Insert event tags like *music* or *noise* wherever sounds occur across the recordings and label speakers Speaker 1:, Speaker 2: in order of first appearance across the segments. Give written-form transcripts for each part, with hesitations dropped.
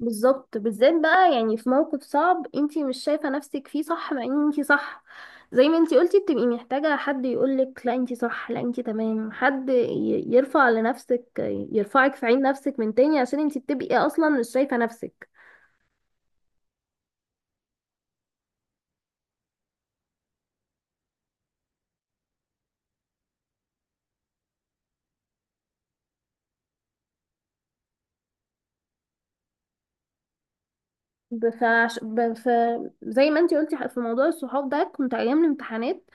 Speaker 1: بالظبط. بالذات بقى يعني في موقف صعب انتي مش شايفة نفسك فيه، صح؟ مع ان انتي صح. زي ما انتي قلتي، بتبقي محتاجة حد يقولك لا انتي صح، لا انتي تمام. يرفع لنفسك، يرفعك في عين نفسك من تاني، عشان انتي بتبقي اصلا مش شايفة نفسك. ب- فعش- ب- ف... زي ما انتي قلتي في موضوع الصحاب ده، كنت ايام الامتحانات،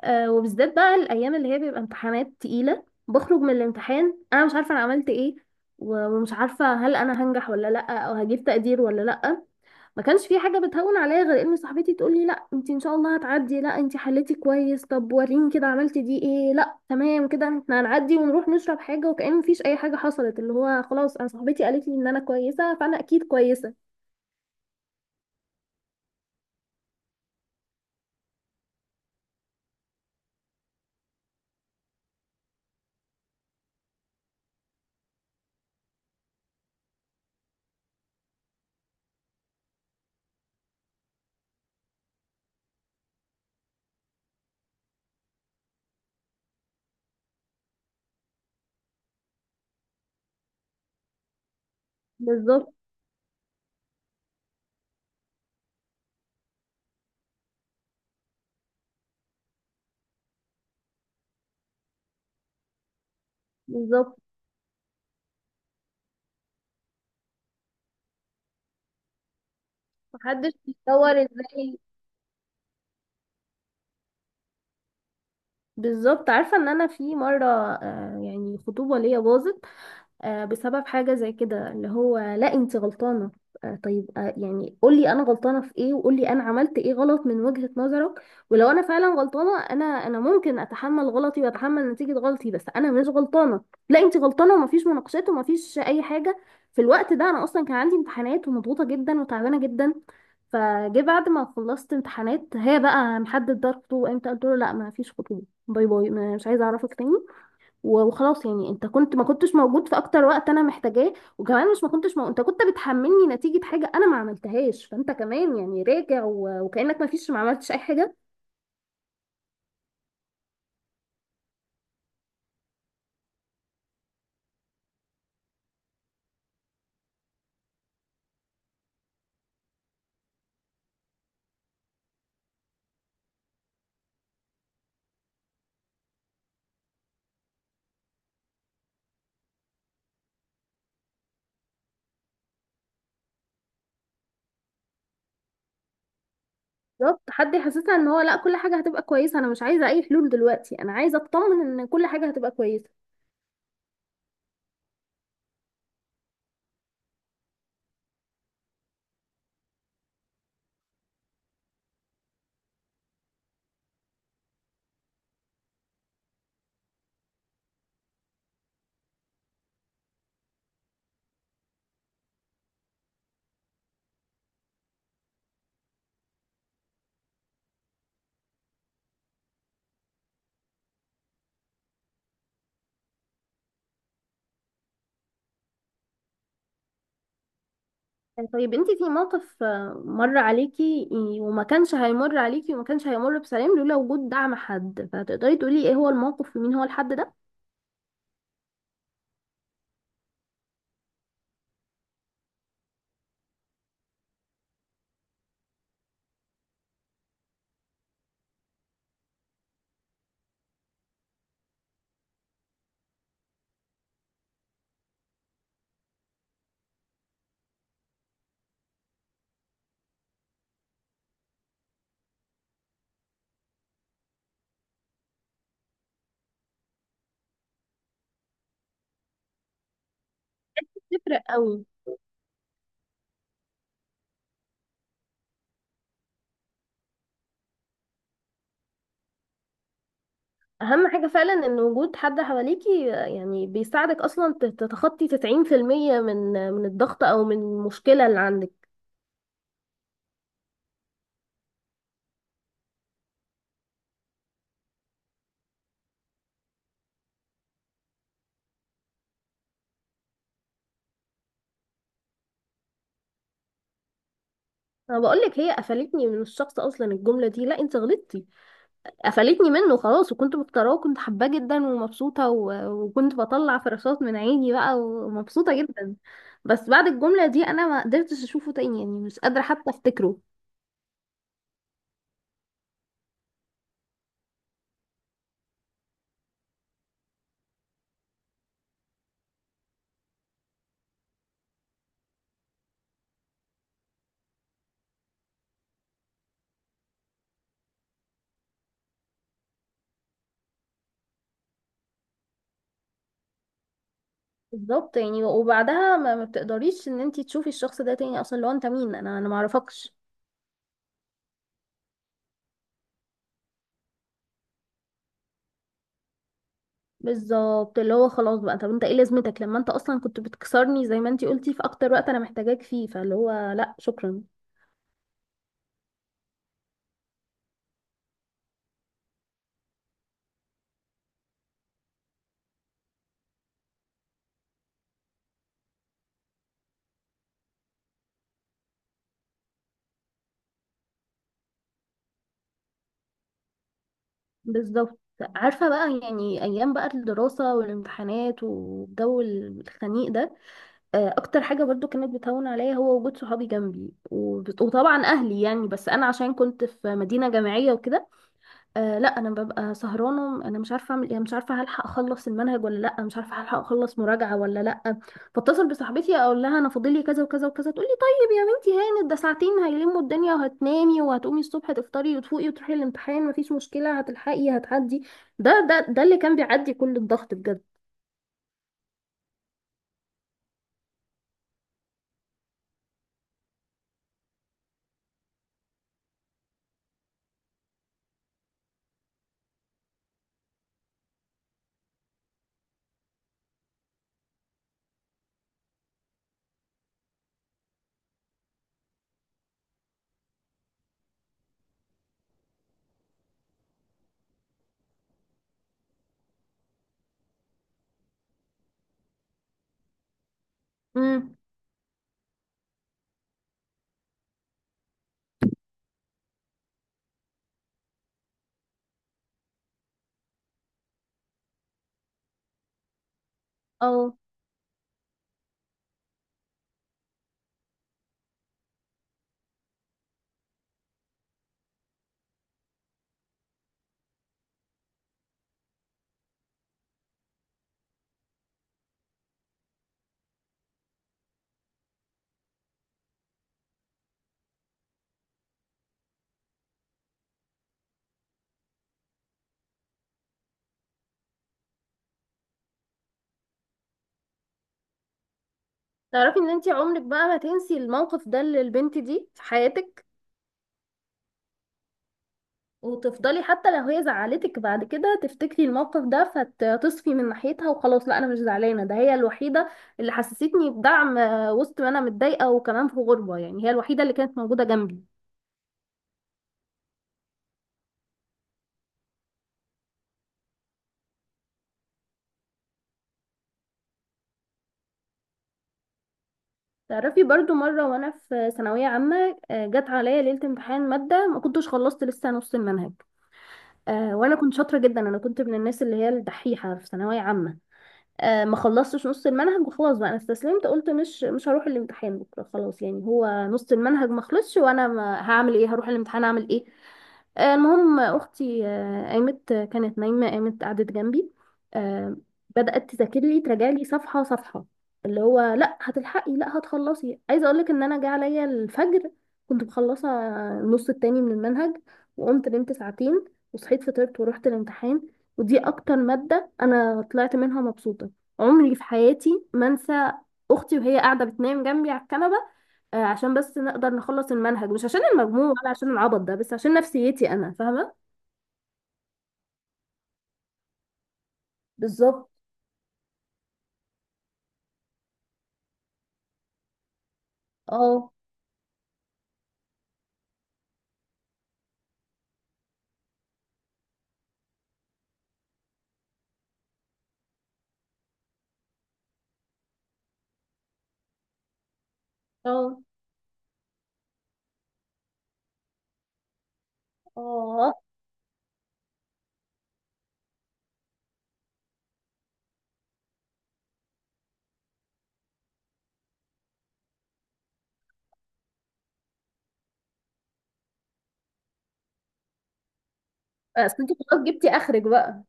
Speaker 1: وبالذات بقى الايام اللي هي بيبقى امتحانات تقيلة، بخرج من الامتحان انا مش عارفة انا عملت ايه و- ومش عارفة هل انا هنجح ولا لأ، او هجيب تقدير ولا لأ. ما كانش في حاجه بتهون عليا غير ان صاحبتي تقول لي لا انت ان شاء الله هتعدي، لا انت حليتي كويس، طب وريني كده عملتي دي ايه، لا تمام كده احنا هنعدي ونروح نشرب حاجه، وكأن مفيش اي حاجه حصلت. اللي هو خلاص، انا صاحبتي قالت لي ان انا كويسه فانا اكيد كويسه. بالظبط. بالظبط. محدش بيتصور ازاي. بالظبط. عارفه ان انا في مره، يعني خطوبه ليا باظت بسبب حاجة زي كده، اللي هو لا انت غلطانة. طيب، يعني قولي انا غلطانة في ايه، وقولي انا عملت ايه غلط من وجهة نظرك. ولو انا فعلا غلطانة، انا ممكن اتحمل غلطي واتحمل نتيجة غلطي، بس انا مش غلطانة. لا انت غلطانة، ومفيش مناقشات ومفيش اي حاجة. في الوقت ده انا اصلا كان عندي امتحانات، ومضغوطة جدا وتعبانة جدا. فجه بعد ما خلصت امتحانات، هي بقى محدد ده الخطوبة امتى. قلت له لا، ما فيش خطوبة، باي باي، مش عايزة اعرفك تاني. و- وخلاص يعني، انت كنت ما كنتش موجود في اكتر وقت انا محتاجاه، وكمان مش ما كنتش مو... انت كنت بتحملني نتيجة حاجة انا ما عملتهاش، فانت كمان يعني راجع وكأنك ما فيش، ما عملتش اي حاجة. بالظبط، حد يحسسها ان هو لا، كل حاجة هتبقى كويسة. انا مش عايزة اي حلول دلوقتي، انا عايزة اطمن ان كل حاجة هتبقى كويسة. طيب، انت في موقف مر عليكي وما كانش هيمر عليكي وما كانش هيمر بسلام لولا وجود دعم حد، فتقدري تقولي ايه هو الموقف ومين هو الحد ده؟ تفرق قوي. اهم حاجة فعلا ان وجود حد حواليكي، يعني بيساعدك اصلا تتخطي 90% من، من الضغط او من المشكلة اللي عندك. انا بقولك، هي قفلتني من الشخص اصلا. الجملة دي، لا انت غلطتي، قفلتني منه خلاص. وكنت مختاراه وكنت حباه جدا ومبسوطة، و- وكنت بطلع فراشات من عيني بقى، ومبسوطة جدا. بس بعد الجملة دي انا ما قدرتش اشوفه تاني، يعني مش قادرة حتى افتكره. بالظبط، يعني وبعدها ما بتقدريش ان انت تشوفي الشخص ده تاني اصلا. لو انت مين؟ انا معرفكش. بالظبط، اللي هو خلاص بقى، طب انت ايه لازمتك لما انت اصلا كنت بتكسرني زي ما انتي قلتي في اكتر وقت انا محتاجاك فيه، فاللي هو لا، شكرا. بالظبط. عارفة بقى، يعني ايام بقى الدراسة والامتحانات والجو الخنيق ده، اكتر حاجة برضو كانت بتهون عليا هو وجود صحابي جنبي، وطبعا اهلي يعني، بس انا عشان كنت في مدينة جامعية وكده. آه لا، انا ببقى سهرانه، انا مش عارفه اعمل ايه، مش عارفه هلحق اخلص المنهج ولا لا، مش عارفه هلحق اخلص مراجعه ولا لا. فاتصل بصاحبتي اقول لها انا فاضل لي كذا وكذا وكذا، تقول لي طيب يا بنتي هانت، ده ساعتين هيلموا الدنيا وهتنامي وهتقومي الصبح تفطري وتفوقي وتروحي الامتحان، مفيش مشكله هتلحقي هتعدي. ده اللي كان بيعدي كل الضغط بجد. امم اه، تعرفي ان انتي عمرك بقى ما تنسي الموقف ده للبنت دي في حياتك، وتفضلي حتى لو هي زعلتك بعد كده تفتكري الموقف ده، فتصفي من ناحيتها وخلاص. لا انا مش زعلانه، ده هي الوحيده اللي حسستني بدعم، وسط ما انا متضايقه وكمان في غربه، يعني هي الوحيده اللي كانت موجوده جنبي. تعرفي برضو مره وانا في ثانويه عامه، جت عليا ليله امتحان ماده ما كنتش خلصت لسه نص المنهج. وانا كنت شاطره جدا، انا كنت من الناس اللي هي الدحيحه في ثانويه عامه. ما خلصتش نص المنهج، وخلاص بقى انا استسلمت، قلت مش هروح الامتحان بكره خلاص. يعني هو نص المنهج ما خلصش، وانا ما هعمل ايه؟ هروح الامتحان اعمل ايه؟ المهم اختي، قامت، كانت نايمه قامت قعدت جنبي. آه، بدات تذاكر لي، تراجع لي صفحه صفحه، اللي هو لا هتلحقي، لا هتخلصي. عايزه اقول لك ان انا جه عليا الفجر كنت مخلصه النص التاني من المنهج، وقمت نمت ساعتين وصحيت فطرت ورحت الامتحان. ودي اكتر ماده انا طلعت منها مبسوطه. عمري في حياتي ما انسى اختي وهي قاعده بتنام جنبي على الكنبه، عشان بس نقدر نخلص المنهج، مش عشان المجموع ولا عشان العبط ده، بس عشان نفسيتي، انا فاهمه. بالظبط. اه، اه، اه، اصل انت خلاص جبتي اخرك بقى.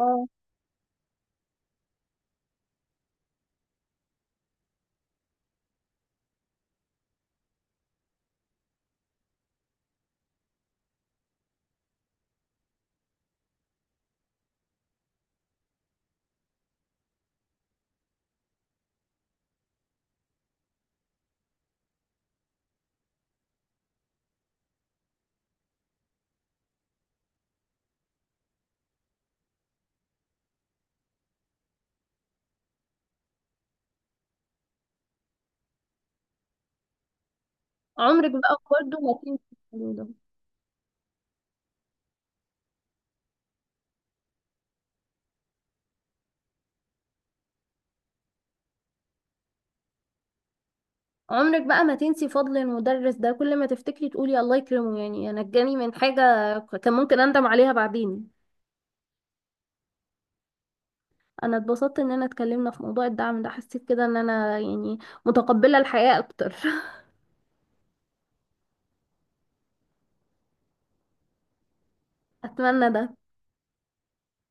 Speaker 1: اه، عمرك بقى برضه ما تنسي الكلام ده. عمرك بقى ما تنسي فضل المدرس ده، كل ما تفتكري تقولي الله يكرمه، يعني نجاني من حاجه كان ممكن اندم عليها بعدين. انا اتبسطت اننا اتكلمنا في موضوع الدعم ده، حسيت كده ان انا يعني متقبلة الحياة اكتر. *laughs* اتمنى ده.